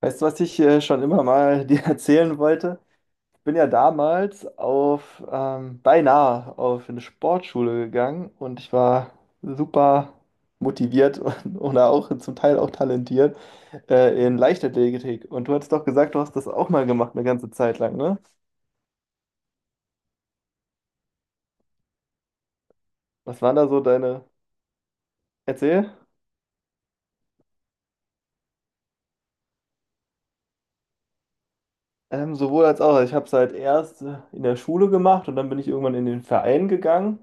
Weißt du, was ich schon immer mal dir erzählen wollte? Ich bin ja damals auf, beinahe auf eine Sportschule gegangen und ich war super motiviert und, oder auch zum Teil auch talentiert in Leichtathletik. Und du hattest doch gesagt, du hast das auch mal gemacht, eine ganze Zeit lang, ne? Was waren da so deine... Erzähl. Sowohl als auch. Also ich habe es halt erst in der Schule gemacht und dann bin ich irgendwann in den Verein gegangen.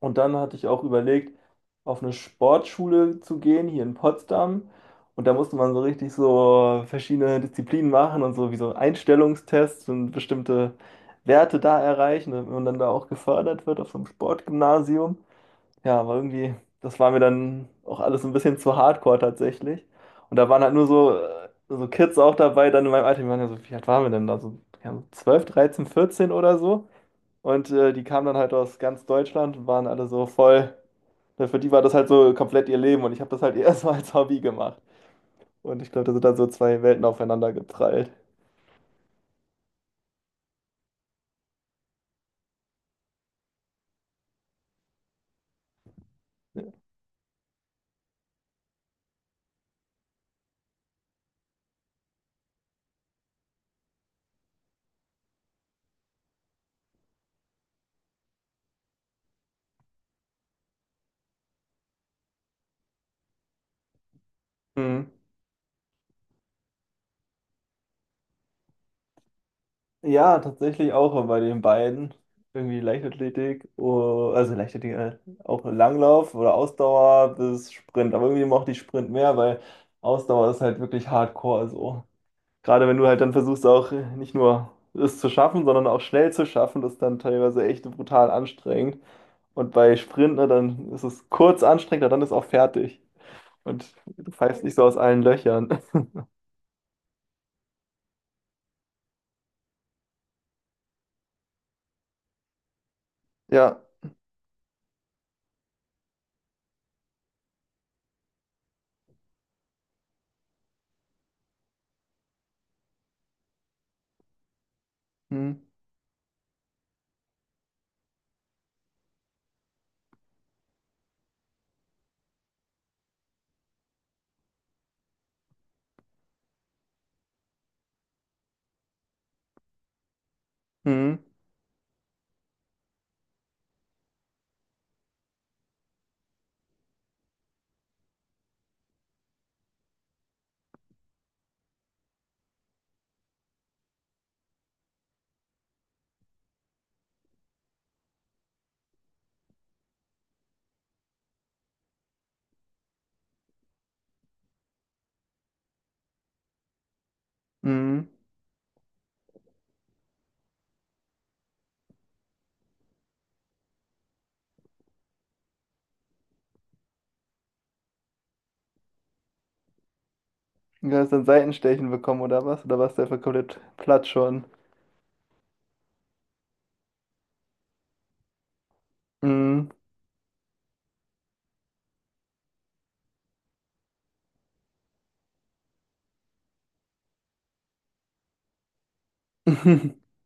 Und dann hatte ich auch überlegt, auf eine Sportschule zu gehen, hier in Potsdam. Und da musste man so richtig so verschiedene Disziplinen machen und so wie so Einstellungstests und bestimmte Werte da erreichen, damit man dann da auch gefördert wird auf so einem Sportgymnasium. Ja, aber irgendwie, das war mir dann auch alles ein bisschen zu hardcore tatsächlich. Und da waren halt nur so, so Kids auch dabei, dann in meinem Alter, die waren ja so, wie alt waren wir denn da? So, ja, so 12, 13, 14 oder so. Und die kamen dann halt aus ganz Deutschland und waren alle so voll. Ne, für die war das halt so komplett ihr Leben und ich habe das halt erstmal als Hobby gemacht. Und ich glaube, da sind dann so zwei Welten aufeinander geprallt. Mhm. Ja, tatsächlich auch bei den beiden. Irgendwie Leichtathletik, oh, also Leichtathletik, auch Langlauf oder Ausdauer bis Sprint. Aber irgendwie mochte ich Sprint mehr, weil Ausdauer ist halt wirklich hardcore so. Gerade wenn du halt dann versuchst auch nicht nur es zu schaffen, sondern auch schnell zu schaffen, das ist dann teilweise echt brutal anstrengend. Und bei Sprint, ne, dann ist es kurz anstrengend, aber dann ist auch fertig. Und du pfeifst nicht so aus allen Löchern. Ja. Hm. Hm. Hm. Du hast dann Seitenstechen bekommen oder was? Oder warst du einfach komplett platt schon? Hm.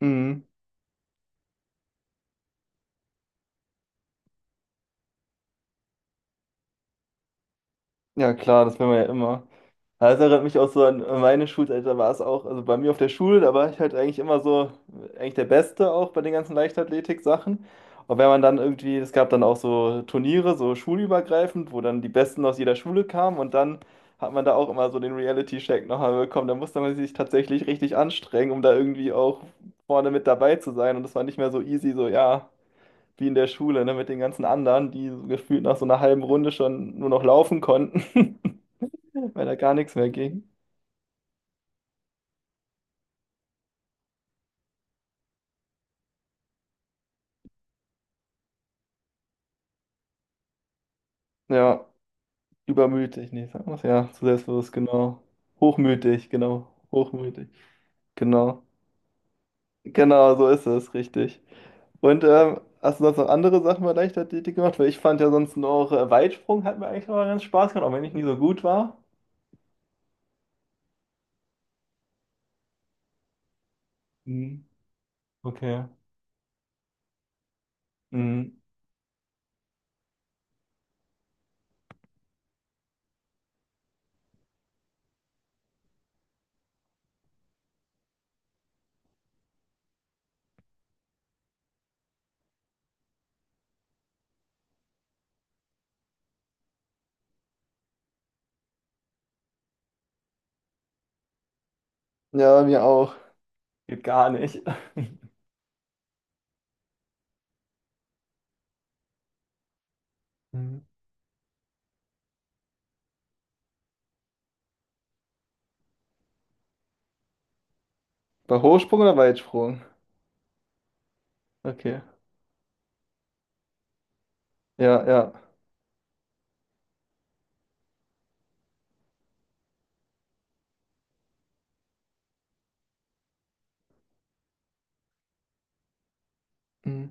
Hm. Ja, klar, das will man ja immer. Ja, das erinnert mich auch so an meine Schulzeit, da war es auch, also bei mir auf der Schule, da war ich halt eigentlich immer so, eigentlich der Beste auch bei den ganzen Leichtathletik-Sachen. Und wenn man dann irgendwie, es gab dann auch so Turniere, so schulübergreifend, wo dann die Besten aus jeder Schule kamen und dann hat man da auch immer so den Reality-Check nochmal bekommen. Da musste man sich tatsächlich richtig anstrengen, um da irgendwie auch vorne mit dabei zu sein. Und das war nicht mehr so easy, so ja, wie in der Schule, ne, mit den ganzen anderen, die so gefühlt nach so einer halben Runde schon nur noch laufen konnten, weil da gar nichts mehr ging. Ja. Übermütig, nee, sag mal, so. Ja, zu selbstbewusst, genau. Hochmütig, genau. Hochmütig, genau. Genau, so ist es, richtig. Und hast du sonst noch andere Sachen bei Leichtathletik gemacht? Weil ich fand ja sonst noch Weitsprung hat mir eigentlich immer ganz Spaß gemacht, auch wenn ich nie so gut war. Mhm. Okay. Mhm. Ja, mir auch. Geht gar nicht. Mhm. Bei Hochsprung oder Weitsprung? Okay. Ja, ja. Mhm.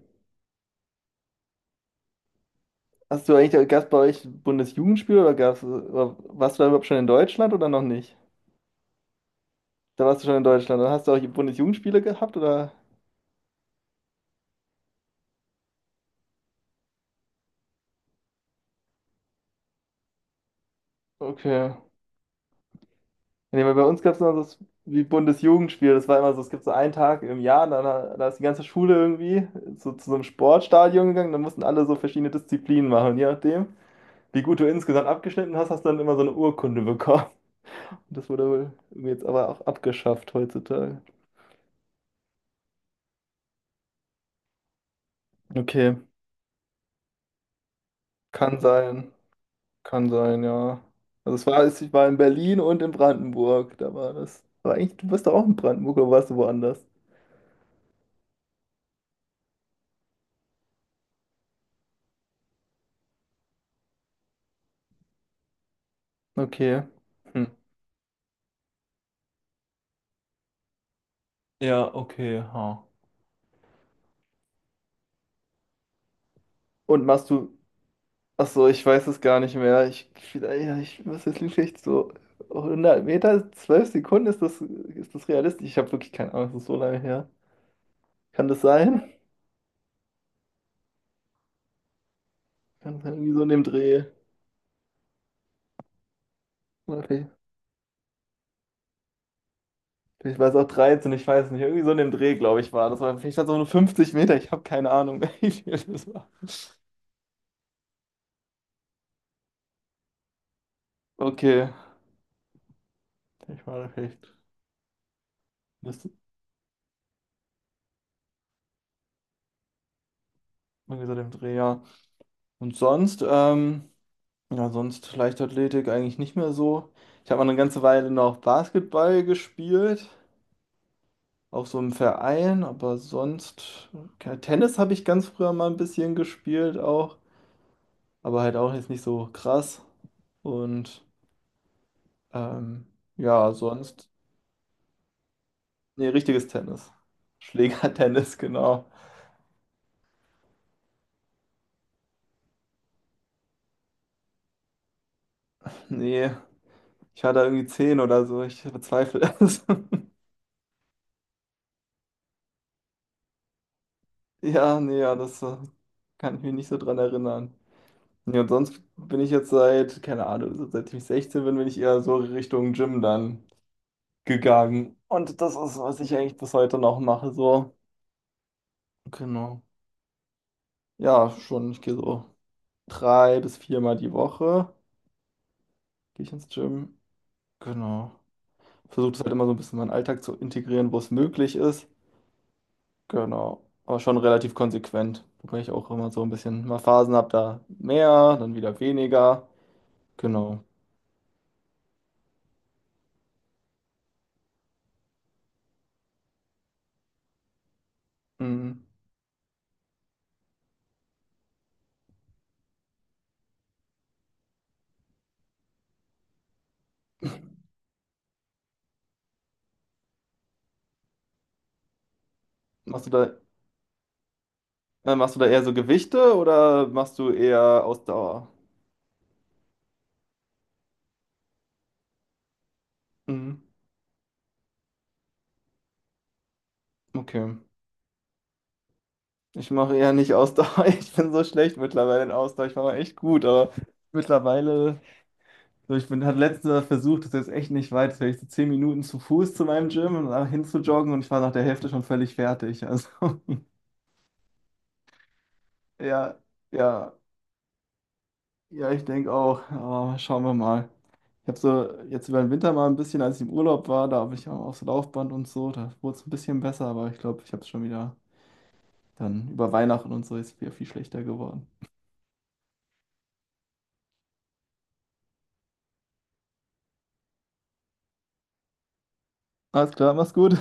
Hast du eigentlich, gab es bei euch Bundesjugendspiel oder gab's, warst du da überhaupt schon in Deutschland oder noch nicht? Da warst du schon in Deutschland. Dann hast du auch die Bundesjugendspiele gehabt, oder? Okay. Nee, weil bei uns gab es noch das wie Bundesjugendspiel. Das war immer so, es gibt so einen Tag im Jahr, da, da ist die ganze Schule irgendwie so, zu so einem Sportstadion gegangen. Dann mussten alle so verschiedene Disziplinen machen. Und je nachdem, wie gut du insgesamt abgeschnitten hast, hast du dann immer so eine Urkunde bekommen. Das wurde wohl jetzt aber auch abgeschafft heutzutage. Okay, kann sein. Kann sein, ja. Also es war, ich war in Berlin und in Brandenburg. Da war das. Aber eigentlich, du bist doch auch in Brandenburg oder warst du woanders? Okay. Hm. Ja, okay, ha. Und machst du, ach so, ich weiß es gar nicht mehr. Ich, vielleicht, ja, ich, was ist vielleicht so 100 Meter, 12 Sekunden, ist das realistisch? Ich habe wirklich keine Ahnung, das ist so lange her. Kann das sein? Kann das sein, irgendwie so in dem Dreh? Oder vielleicht, vielleicht war es auch 13. Ich weiß nicht. Irgendwie so in dem Dreh, glaube ich, war das. War, vielleicht waren es auch nur 50 Meter, ich habe keine Ahnung, wie viel das war. Okay, ich war vielleicht, das irgendwie so in dem Dreh, ja. Und sonst, ja, sonst Leichtathletik eigentlich nicht mehr so. Ich habe mal eine ganze Weile noch Basketball gespielt, auch so im Verein, aber sonst, ja, Tennis habe ich ganz früher mal ein bisschen gespielt auch, aber halt auch jetzt nicht so krass. Und ähm, ja, sonst, nee, richtiges Tennis. Schlägertennis, genau. Nee, ich war da irgendwie 10 oder so, ich bezweifle es. Ja, nee, ja, das kann ich mich nicht so dran erinnern. Ja, und sonst bin ich jetzt seit, keine Ahnung, so seit ich 16 bin, bin ich eher so Richtung Gym dann gegangen. Und das ist, was ich eigentlich bis heute noch mache, so. Genau. Ja, schon, ich gehe so 3 bis 4 Mal die Woche, gehe ich ins Gym. Genau. Versuche das halt immer so ein bisschen in meinen Alltag zu integrieren, wo es möglich ist. Genau. Aber schon relativ konsequent. Wobei ich auch immer so ein bisschen mal Phasen habe, da mehr, dann wieder weniger. Genau. Mhm. Machst du da machst du da eher so Gewichte oder machst du eher Ausdauer? Mhm. Okay. Ich mache eher nicht Ausdauer. Ich bin so schlecht mittlerweile in Ausdauer. Ich war mal echt gut, aber mittlerweile, so ich bin, hatte letzter versucht, das ist jetzt echt nicht weit, vielleicht so 10 Minuten zu Fuß zu meinem Gym und da hin zu joggen und ich war nach der Hälfte schon völlig fertig. Also, ja, ja, ja, ich denke auch. Aber schauen wir mal. Ich habe so jetzt über den Winter mal ein bisschen, als ich im Urlaub war, da habe ich auch aufs Laufband und so, da wurde es ein bisschen besser, aber ich glaube, ich habe es schon wieder. Dann über Weihnachten und so ist es wieder viel schlechter geworden. Alles klar, mach's gut.